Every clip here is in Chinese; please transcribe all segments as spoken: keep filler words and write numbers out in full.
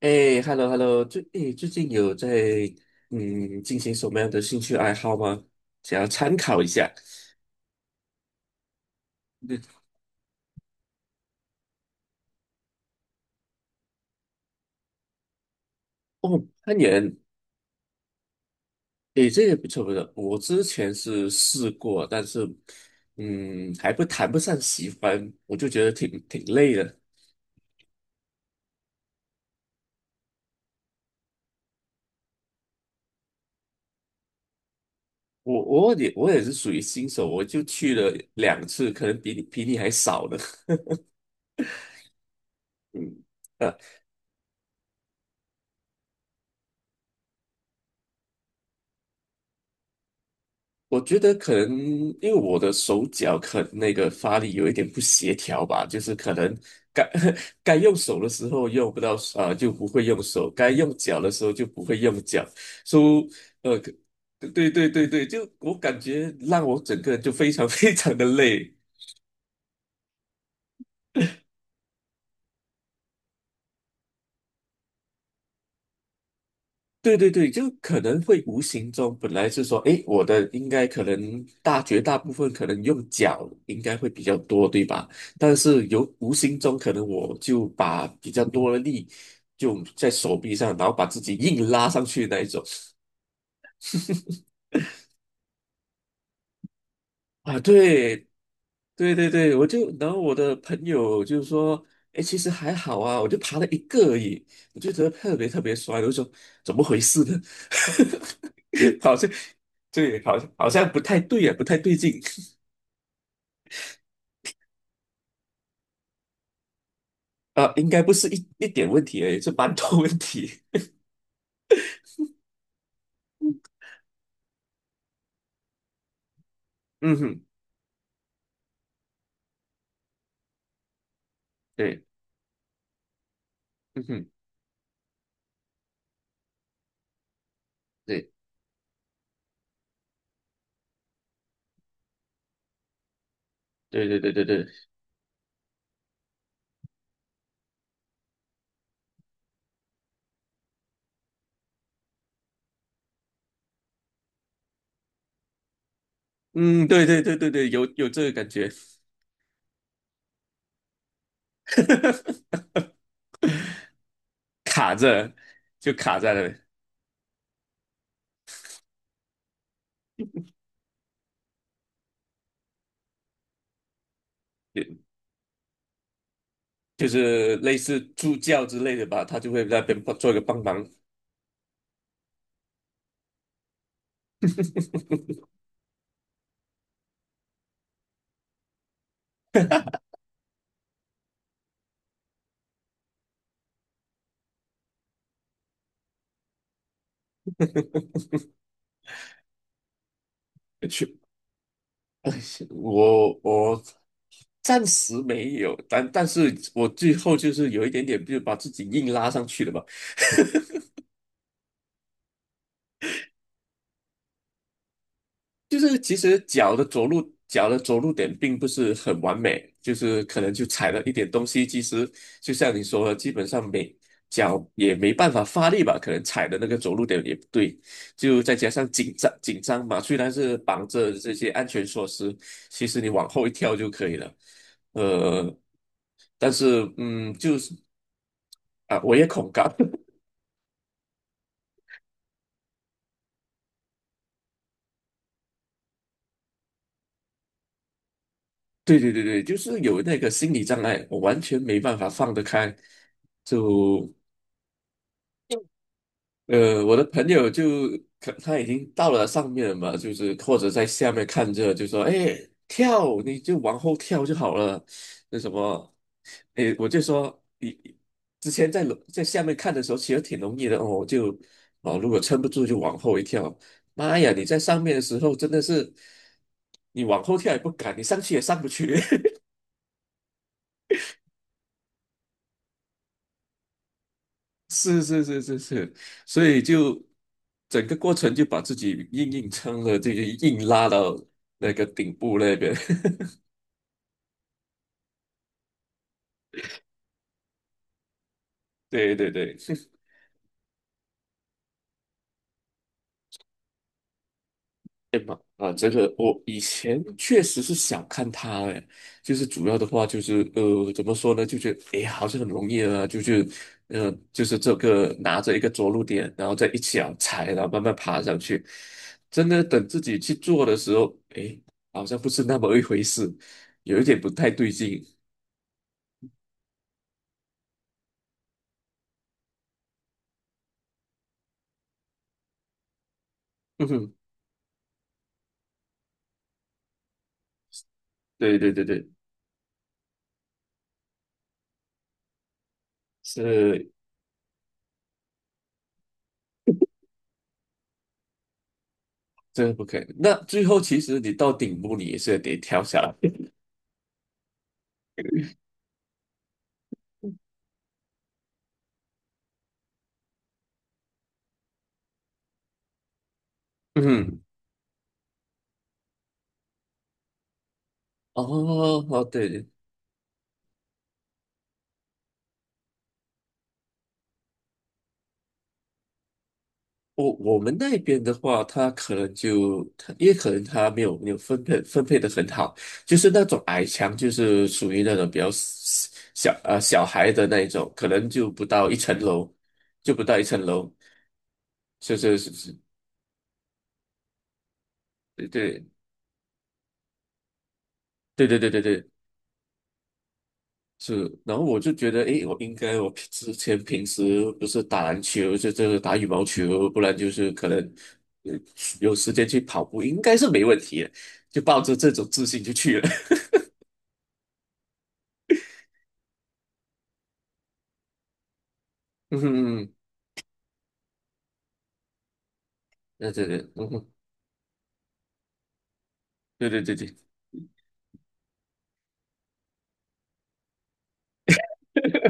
哎，hello hello，最哎最近有在嗯进行什么样的兴趣爱好吗？想要参考一下。嗯哦，攀岩，哎，这个不错不错。我之前是试过，但是嗯还不谈不上喜欢，我就觉得挺挺累的。我我也我也是属于新手，我就去了两次，可能比你比你还少的。嗯呃我觉得可能因为我的手脚可能那个发力有一点不协调吧，就是可能该 该用手的时候用不到啊、呃就不会用手；该用脚的时候就不会用脚。所以呃，可对对对对，就我感觉让我整个人就非常 非常的累。对对对，就可能会无形中，本来是说，诶，我的应该可能大绝大部分可能用脚应该会比较多，对吧？但是有无形中可能我就把比较多的力就在手臂上，然后把自己硬拉上去那一种。啊，对，对对对，我就然后我的朋友就是说，哎，其实还好啊，我就爬了一个而已，我就觉得特别特别酸，我就说怎么回事呢？好像对，好像好像不太对啊，不太对劲啊，应该不是一一点问题而已，是蛮多问题。嗯哼，对，嗯哼，对，对对对对对，嗯，对对对对对，有有这个感觉，卡着就卡在那里。就是类似助教之类的吧，他就会在那边做一个帮忙。去，我我暂时没有，但但是我最后就是有一点点，就是把自己硬拉上去的吧。就是其实脚的着陆，脚的着陆点并不是很完美，就是可能就踩了一点东西。其实就像你说的，基本上没脚也没办法发力吧，可能踩的那个着陆点也不对，就再加上紧张紧张嘛，虽然是绑着这些安全措施，其实你往后一跳就可以了。呃，但是嗯，就是啊，我也恐高。对对对对，就是有那个心理障碍，我完全没办法放得开，就呃，我的朋友就可他已经到了上面了嘛，就是或者在下面看着，就说："哎，跳，你就往后跳就好了。"那什么，哎，我就说你之前在楼在下面看的时候，其实挺容易的哦，就哦，如果撑不住就往后一跳。妈呀，你在上面的时候真的是，你往后跳也不敢，你上去也上不去。是是是是是，所以就整个过程就把自己硬硬撑了，这个硬拉到那个顶部那边。对对对，啊，这个我以前确实是想看他哎，就是主要的话就是呃，怎么说呢，就觉得哎，好像很容易啊，就是呃，就是这个拿着一个着陆点，然后再一脚踩，然后慢慢爬上去。真的等自己去做的时候，哎，好像不是那么一回事，有一点不太对劲。对对对对，是这个不可以。那最后其实你到顶部，你也是得跳下来。嗯，哦哦，对对，我我们那边的话，他可能就他也可能他没有没有分配分配的很好，就是那种矮墙，就是属于那种比较小小呃小孩的那一种，可能就不到一层楼，就不到一层楼，是是是是，对对对对对对对对，是，然后我就觉得，诶，我应该，我平之前平时不是打篮球，就这个打羽毛球，不然就是可能呃有时间去跑步，应该是没问题的，就抱着这种自信就去了。嗯哼，对对对，嗯哼，对对对对，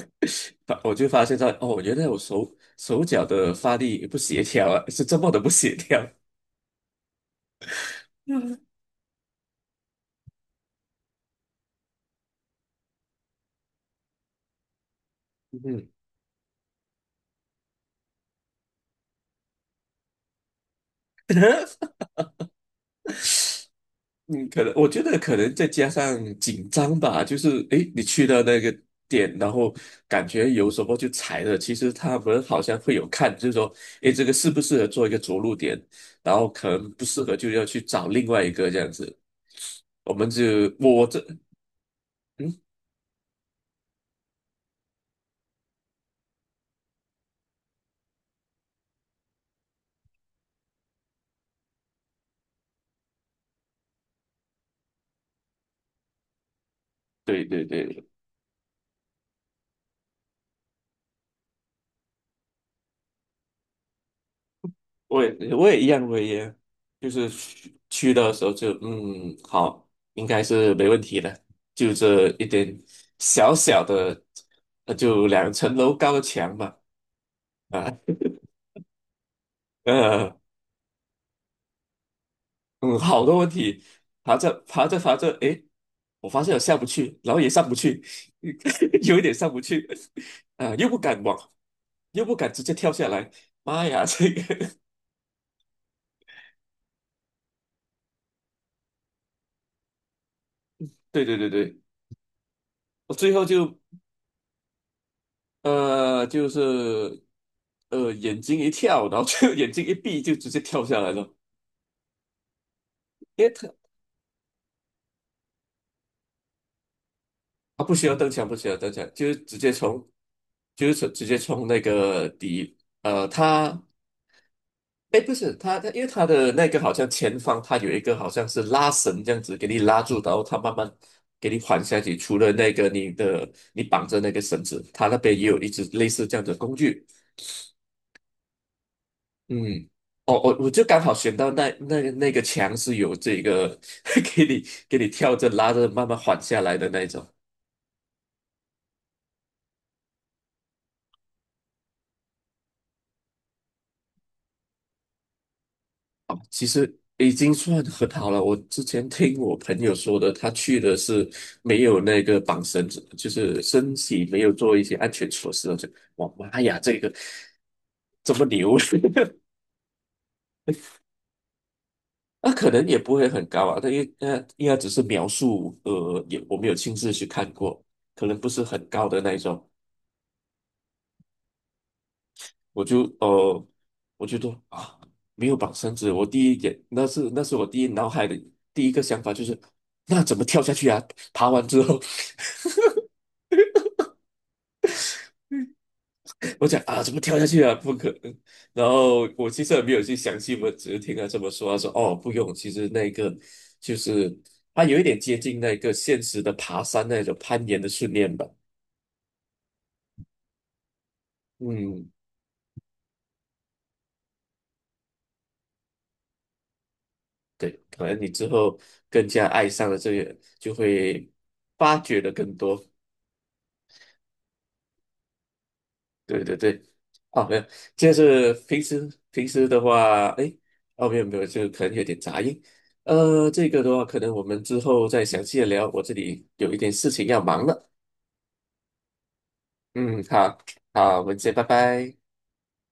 发我就发现到，哦，原来我手手脚的发力不协调啊，是这么的不协调。嗯嗯哼。嗯，可能我觉得可能再加上紧张吧，就是诶，你去到那个点，然后感觉有什么就踩了，其实他们好像会有看，就是说，诶，这个适不适合做一个着陆点，然后可能不适合就要去找另外一个这样子。我们就我这，嗯，对对对，我也我也一样，我也就是去去的时候就嗯，好，应该是没问题的，就这一点小小的，呃就两层楼高的墙嘛。啊，呃，嗯，好多问题，爬着爬着爬着，诶，我发现我下不去，然后也上不去，有一点上不去，啊，又不敢往，又不敢直接跳下来，妈呀，这个，对对对对，我最后就呃就是呃眼睛一跳，然后就 眼睛一闭就直接跳下来了，因为他他不需要蹬墙，不需要蹬墙，就是直接从就是直接冲那个底，呃，他。哎，不是他，他因为他的那个好像前方，他有一个好像是拉绳这样子给你拉住，然后他慢慢给你缓下去。除了那个你的你绑着那个绳子，他那边也有一只类似这样的工具。嗯，哦，我我就刚好选到那那个那个墙是有这个 给你给你跳着拉着慢慢缓下来的那一种。其实已经算很好了。我之前听我朋友说的，他去的是没有那个绑绳子，就是身体没有做一些安全措施，我就我妈呀，这个怎么牛！那可能也不会很高啊，他应呃应该只是描述，呃，也我没有亲自去看过，可能不是很高的那一种。我就呃，我觉得啊，没有绑绳子，我第一点那是那是我第一脑海的第一个想法就是，那怎么跳下去啊？爬完之后。我讲啊，怎么跳下去啊？不可能。然后我其实也没有去详细，问，只是听他这么说。他说哦，不用，其实那个就是它有一点接近那个现实的爬山那种攀岩的训练吧。嗯，对，可能你之后更加爱上了这个，就会发掘的更多。对对对，哦没有，就是平时平时的话，哎，哦，没有没有，就可能有点杂音。呃，这个的话，可能我们之后再详细的聊，我这里有一点事情要忙了。嗯，好，好，我们先拜拜。